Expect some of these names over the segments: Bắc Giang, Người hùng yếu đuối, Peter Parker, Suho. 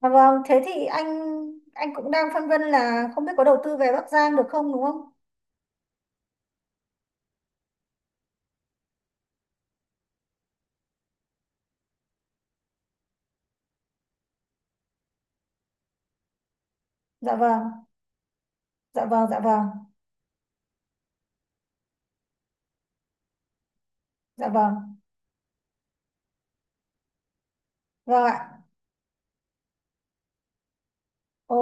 À vâng, thế thì anh cũng đang phân vân là không biết có đầu tư về Bắc Giang được không đúng không? Dạ vâng, dạ vâng, dạ vâng, dạ vâng, vâng ạ. Ồ,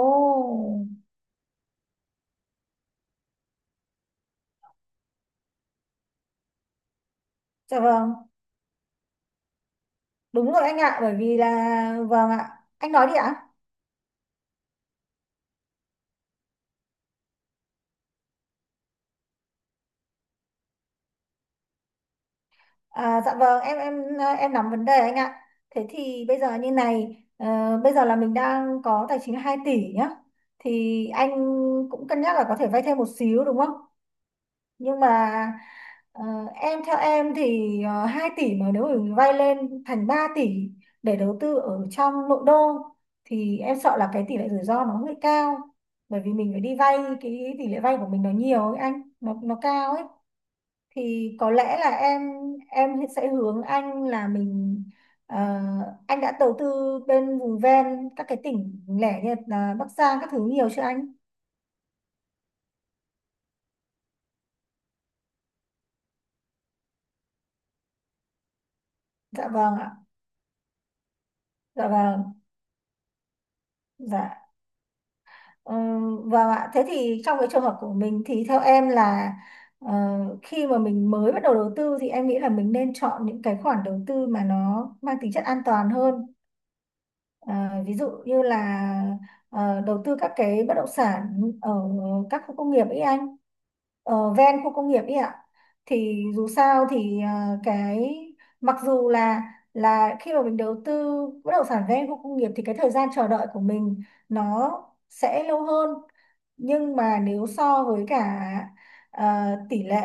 dạ vâng, đúng rồi anh ạ, bởi vì là vâng ạ, anh nói đi ạ. À, dạ vâng, em nắm vấn đề anh ạ. Thế thì bây giờ như này, bây giờ là mình đang có tài chính là 2 tỷ nhá. Thì anh cũng cân nhắc là có thể vay thêm một xíu đúng không? Nhưng mà ờ, em theo em thì 2 tỷ mà nếu mình vay lên thành 3 tỷ để đầu tư ở trong nội đô thì em sợ là cái tỷ lệ rủi ro nó hơi cao, bởi vì mình phải đi vay, cái tỷ lệ vay của mình nó nhiều ấy anh, nó cao ấy. Thì có lẽ là em sẽ hướng anh là mình, ờ, anh đã đầu tư bên vùng ven các cái tỉnh lẻ như là Bắc Giang các thứ nhiều chưa anh? Dạ vâng ạ, dạ vâng, dạ. Ừ, vâng ạ, thế thì trong cái trường hợp của mình thì theo em là ờ, khi mà mình mới bắt đầu đầu tư thì em nghĩ là mình nên chọn những cái khoản đầu tư mà nó mang tính chất an toàn hơn. À, ví dụ như là đầu tư các cái bất động sản ở các khu công nghiệp ấy anh, ở ven khu công nghiệp ấy ạ. Thì dù sao thì ờ, cái mặc dù là khi mà mình đầu tư bất động sản ven khu công nghiệp thì cái thời gian chờ đợi của mình nó sẽ lâu hơn, nhưng mà nếu so với cả ờ, tỷ lệ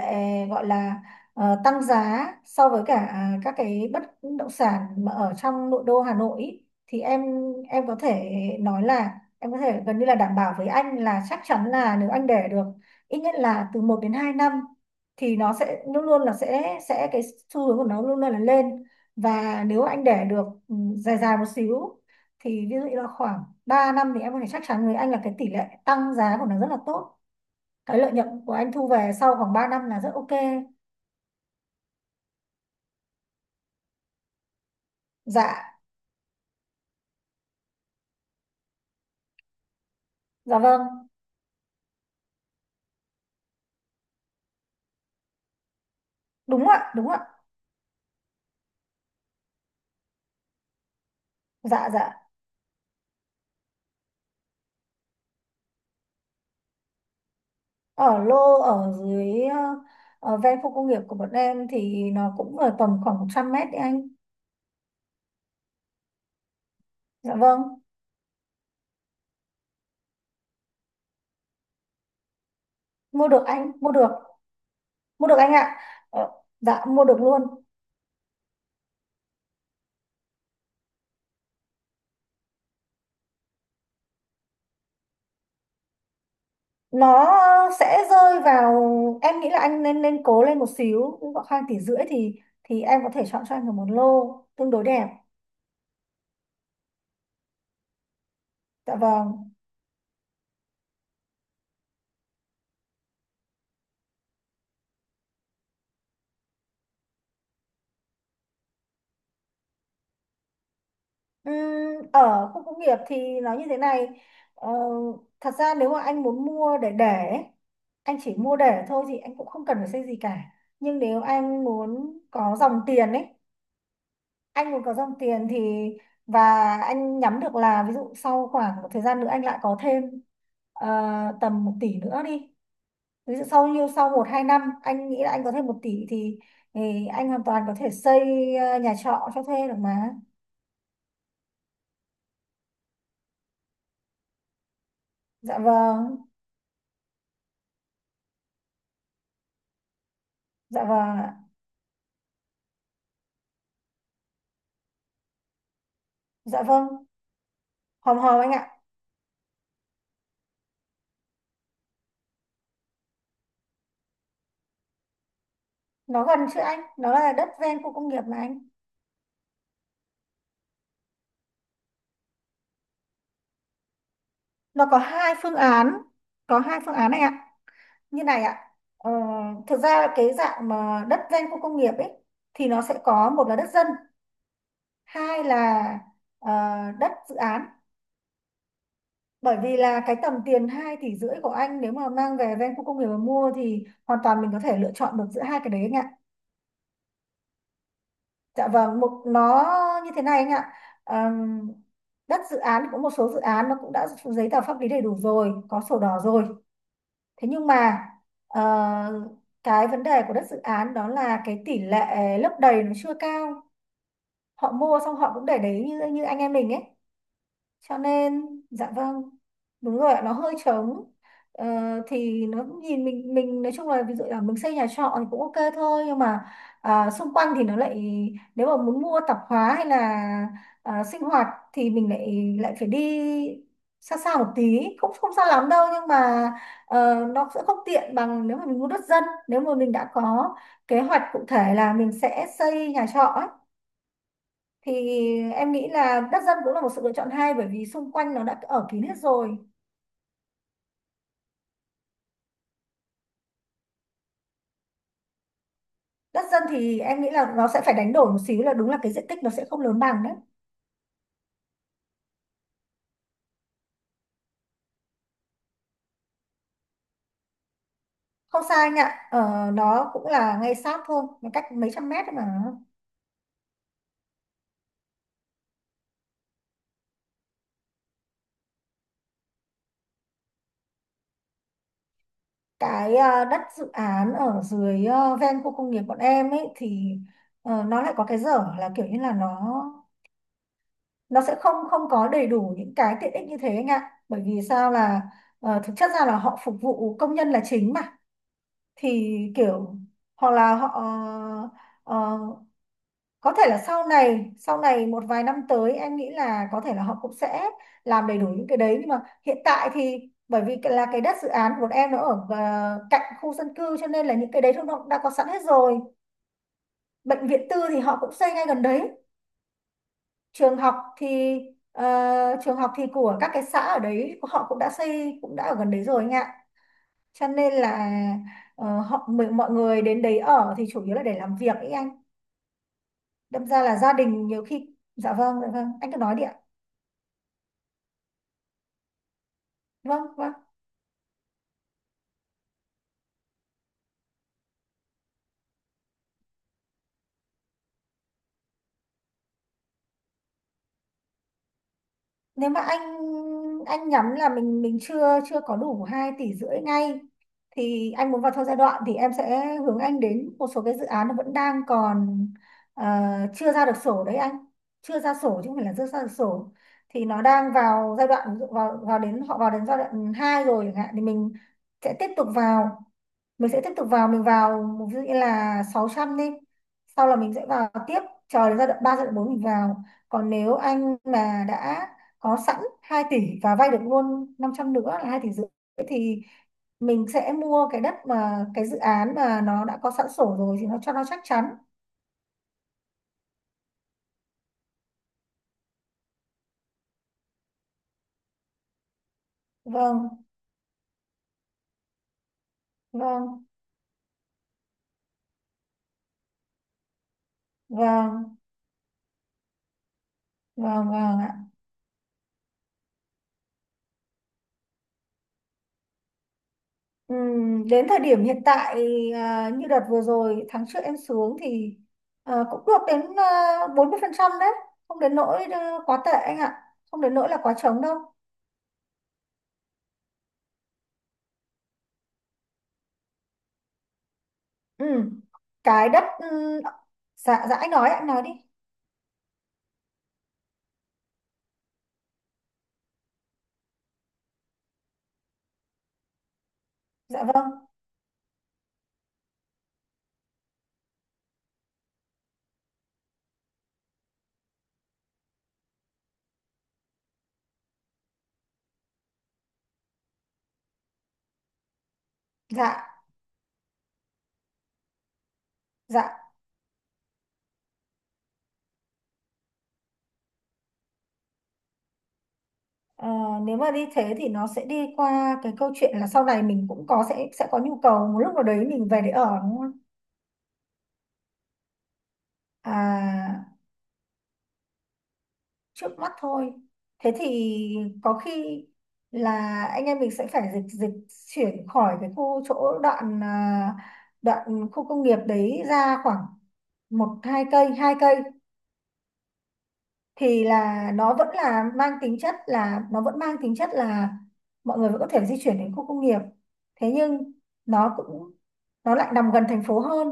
gọi là tăng giá so với cả các cái bất động sản mà ở trong nội đô Hà Nội ý, thì em có thể nói là em có thể gần như là đảm bảo với anh là chắc chắn là nếu anh để được ít nhất là từ một đến 2 năm thì nó sẽ luôn luôn là sẽ cái xu hướng của nó luôn luôn là lên. Và nếu anh để được dài dài một xíu thì ví dụ như là khoảng 3 năm thì em có thể chắc chắn với anh là cái tỷ lệ tăng giá của nó rất là tốt, cái lợi nhuận của anh thu về sau khoảng 3 năm là rất ok. Dạ, dạ vâng, đúng ạ, đúng ạ, dạ dạ. Ở lô ở dưới ở ven khu công nghiệp của bọn em thì nó cũng ở tầm khoảng 100 mét đấy anh. Dạ vâng, mua được anh, mua được, mua được anh ạ. Ờ, dạ mua được luôn. Nó sẽ rơi vào, em nghĩ là anh nên nên cố lên một xíu khoảng 2,5 tỷ thì em có thể chọn cho anh được một lô tương đối đẹp. Dạ vâng. Ừm, ở khu công nghiệp thì nó như thế này, ờ, thật ra nếu mà anh muốn mua để ấy, anh chỉ mua để thôi thì anh cũng không cần phải xây gì cả, nhưng nếu anh muốn có dòng tiền ấy, anh muốn có dòng tiền thì và anh nhắm được là ví dụ sau khoảng một thời gian nữa anh lại có thêm ờ, tầm 1 tỷ nữa đi, ví dụ sau như sau một hai năm anh nghĩ là anh có thêm một tỷ thì anh hoàn toàn có thể xây nhà trọ cho thuê được mà. Dạ vâng, dạ vâng. Dạ vâng, hòm hòm anh ạ. Nó gần chứ anh, nó là đất ven khu công nghiệp mà anh. Nó có hai phương án, có hai phương án anh ạ. Như này ạ, ờ, thực ra là cái dạng mà đất ven khu công nghiệp ấy thì nó sẽ có một là đất dân, hai là ờ, đất dự án. Bởi vì là cái tầm tiền hai tỷ rưỡi của anh nếu mà mang về ven khu công nghiệp mà mua thì hoàn toàn mình có thể lựa chọn được giữa hai cái đấy anh ạ. Dạ vâng, một nó như thế này anh ạ. Ờm, đất dự án cũng một số dự án nó cũng đã có giấy tờ pháp lý đầy đủ rồi, có sổ đỏ rồi. Thế nhưng mà ờ, cái vấn đề của đất dự án đó là cái tỷ lệ lấp đầy nó chưa cao. Họ mua xong họ cũng để đấy như như anh em mình ấy, cho nên dạ vâng, đúng rồi ạ, nó hơi trống. ờ, thì nó cũng nhìn mình nói chung là ví dụ là mình xây nhà trọ thì cũng ok thôi, nhưng mà à, xung quanh thì nó lại, nếu mà muốn mua tạp hóa hay là à, sinh hoạt thì mình lại lại phải đi xa xa một tí, cũng không xa lắm đâu, nhưng mà nó sẽ không tiện bằng nếu mà mình mua đất dân, nếu mà mình đã có kế hoạch cụ thể là mình sẽ xây nhà trọ ấy, thì em nghĩ là đất dân cũng là một sự lựa chọn hay bởi vì xung quanh nó đã ở kín hết rồi. Đất dân thì em nghĩ là nó sẽ phải đánh đổi một xíu là đúng là cái diện tích nó sẽ không lớn bằng đấy. Không sai anh ạ, nó cũng là ngay sát thôi, nó cách mấy trăm mét thôi mà. Cái đất dự án ở dưới ven khu công nghiệp bọn em ấy thì nó lại có cái dở là kiểu như là nó sẽ không không có đầy đủ những cái tiện ích như thế anh ạ, bởi vì sao là thực chất ra là họ phục vụ công nhân là chính mà, thì kiểu hoặc là họ ờ, có thể là sau này một vài năm tới em nghĩ là có thể là họ cũng sẽ làm đầy đủ những cái đấy, nhưng mà hiện tại thì bởi vì cái- là cái đất dự án của em nó ở cạnh khu dân cư cho nên là những cái đấy nó đã có sẵn hết rồi. Bệnh viện tư thì họ cũng xây ngay gần đấy. Trường học thì ờ, trường học thì của các cái xã ở đấy họ cũng đã xây, cũng đã ở gần đấy rồi anh ạ, cho nên là, Ờ, họ mình mọi người đến đấy ở thì chủ yếu là để làm việc ấy anh. Đâm ra là gia đình nhiều khi dạ vâng, dạ vâng anh cứ nói đi ạ, vâng vâng. Nếu mà anh nhắm là mình chưa chưa có đủ hai tỷ rưỡi ngay thì anh muốn vào theo giai đoạn thì em sẽ hướng anh đến một số cái dự án nó vẫn đang còn ờ, chưa ra được sổ đấy anh, chưa ra sổ chứ không phải là chưa ra được sổ. Thì nó đang vào giai đoạn, ví dụ vào vào đến họ vào đến giai đoạn 2 rồi chẳng hạn thì mình sẽ tiếp tục vào, mình sẽ tiếp tục vào, mình vào ví dụ như là 600 đi, sau là mình sẽ vào tiếp, chờ đến giai đoạn 3 giai đoạn 4 mình vào, còn nếu anh mà đã có sẵn 2 tỷ và vay được luôn 500 nữa là 2 tỷ rưỡi thì mình sẽ mua cái đất mà cái dự án mà nó đã có sẵn sổ rồi thì nó cho nó chắc chắn. Vâng vâng vâng vâng vâng. Đến thời điểm hiện tại à, như đợt vừa rồi tháng trước em xuống thì à, cũng được đến 40% đấy, không đến nỗi à, quá tệ anh ạ, không đến nỗi là quá trống đâu. Ừm, cái đất dạ dạ anh nói ạ, anh nói đi, dạ vâng, dạ dạ. Ờ, nếu mà đi thế thì nó sẽ đi qua cái câu chuyện là sau này mình cũng có sẽ có nhu cầu một lúc nào đấy mình về để ở đúng không, à trước mắt thôi, thế thì có khi là anh em mình sẽ phải dịch dịch chuyển khỏi cái khu chỗ đoạn à, đoạn khu công nghiệp đấy ra khoảng một hai cây, hai cây thì là nó vẫn là mang tính chất là nó vẫn mang tính chất là mọi người vẫn có thể di chuyển đến khu công nghiệp, thế nhưng nó cũng nó lại nằm gần thành phố hơn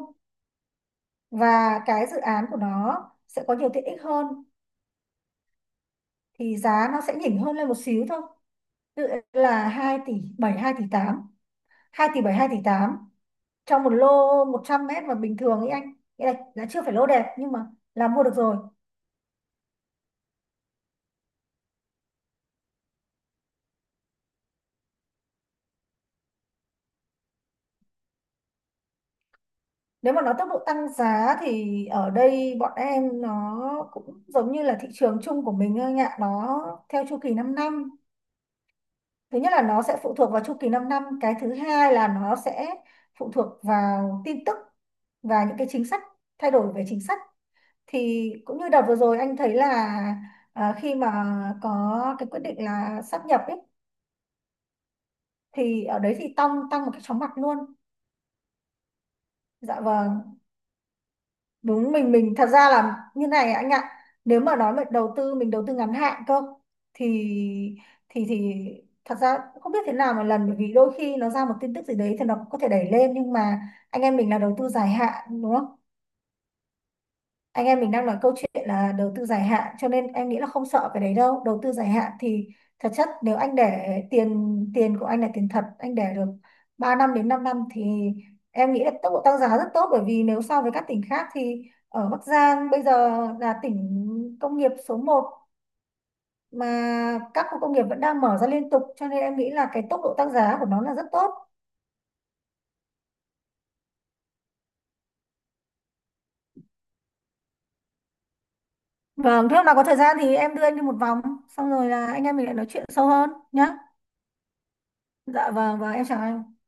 và cái dự án của nó sẽ có nhiều tiện ích hơn thì giá nó sẽ nhỉnh hơn lên một xíu thôi. Ví dụ là 2,7 tỷ 2,8 tỷ, 2 tỷ 7 2 tỷ 8 trong một lô 100 mét mà bình thường ấy anh, nghĩa là chưa phải lô đẹp nhưng mà là mua được rồi. Nếu mà nói tốc độ tăng giá thì ở đây bọn em nó cũng giống như là thị trường chung của mình thôi anh ạ, nó theo chu kỳ 5 năm, thứ nhất là nó sẽ phụ thuộc vào chu kỳ 5 năm, cái thứ hai là nó sẽ phụ thuộc vào tin tức và những cái chính sách, thay đổi về chính sách, thì cũng như đợt vừa rồi anh thấy là à, khi mà có cái quyết định là sáp nhập ấy thì ở đấy thì tăng tăng một cái chóng mặt luôn. Dạ vâng, đúng, mình thật ra là như này anh ạ, nếu mà nói về đầu tư mình đầu tư ngắn hạn cơ thì thì thật ra cũng không biết thế nào một lần bởi vì đôi khi nó ra một tin tức gì đấy thì nó cũng có thể đẩy lên, nhưng mà anh em mình là đầu tư dài hạn đúng không, anh em mình đang nói câu chuyện là đầu tư dài hạn cho nên em nghĩ là không sợ cái đấy đâu, đầu tư dài hạn thì thật chất nếu anh để tiền tiền của anh là tiền thật anh để được 3 năm đến 5 năm thì em nghĩ là tốc độ tăng giá rất tốt, bởi vì nếu so với các tỉnh khác thì ở Bắc Giang bây giờ là tỉnh công nghiệp số một mà các khu công nghiệp vẫn đang mở ra liên tục cho nên em nghĩ là cái tốc độ tăng giá của nó là rất tốt. Vâng, thế hôm nào có thời gian thì em đưa anh đi một vòng, xong rồi là anh em mình lại nói chuyện sâu hơn nhá. Dạ vâng, và em chào anh.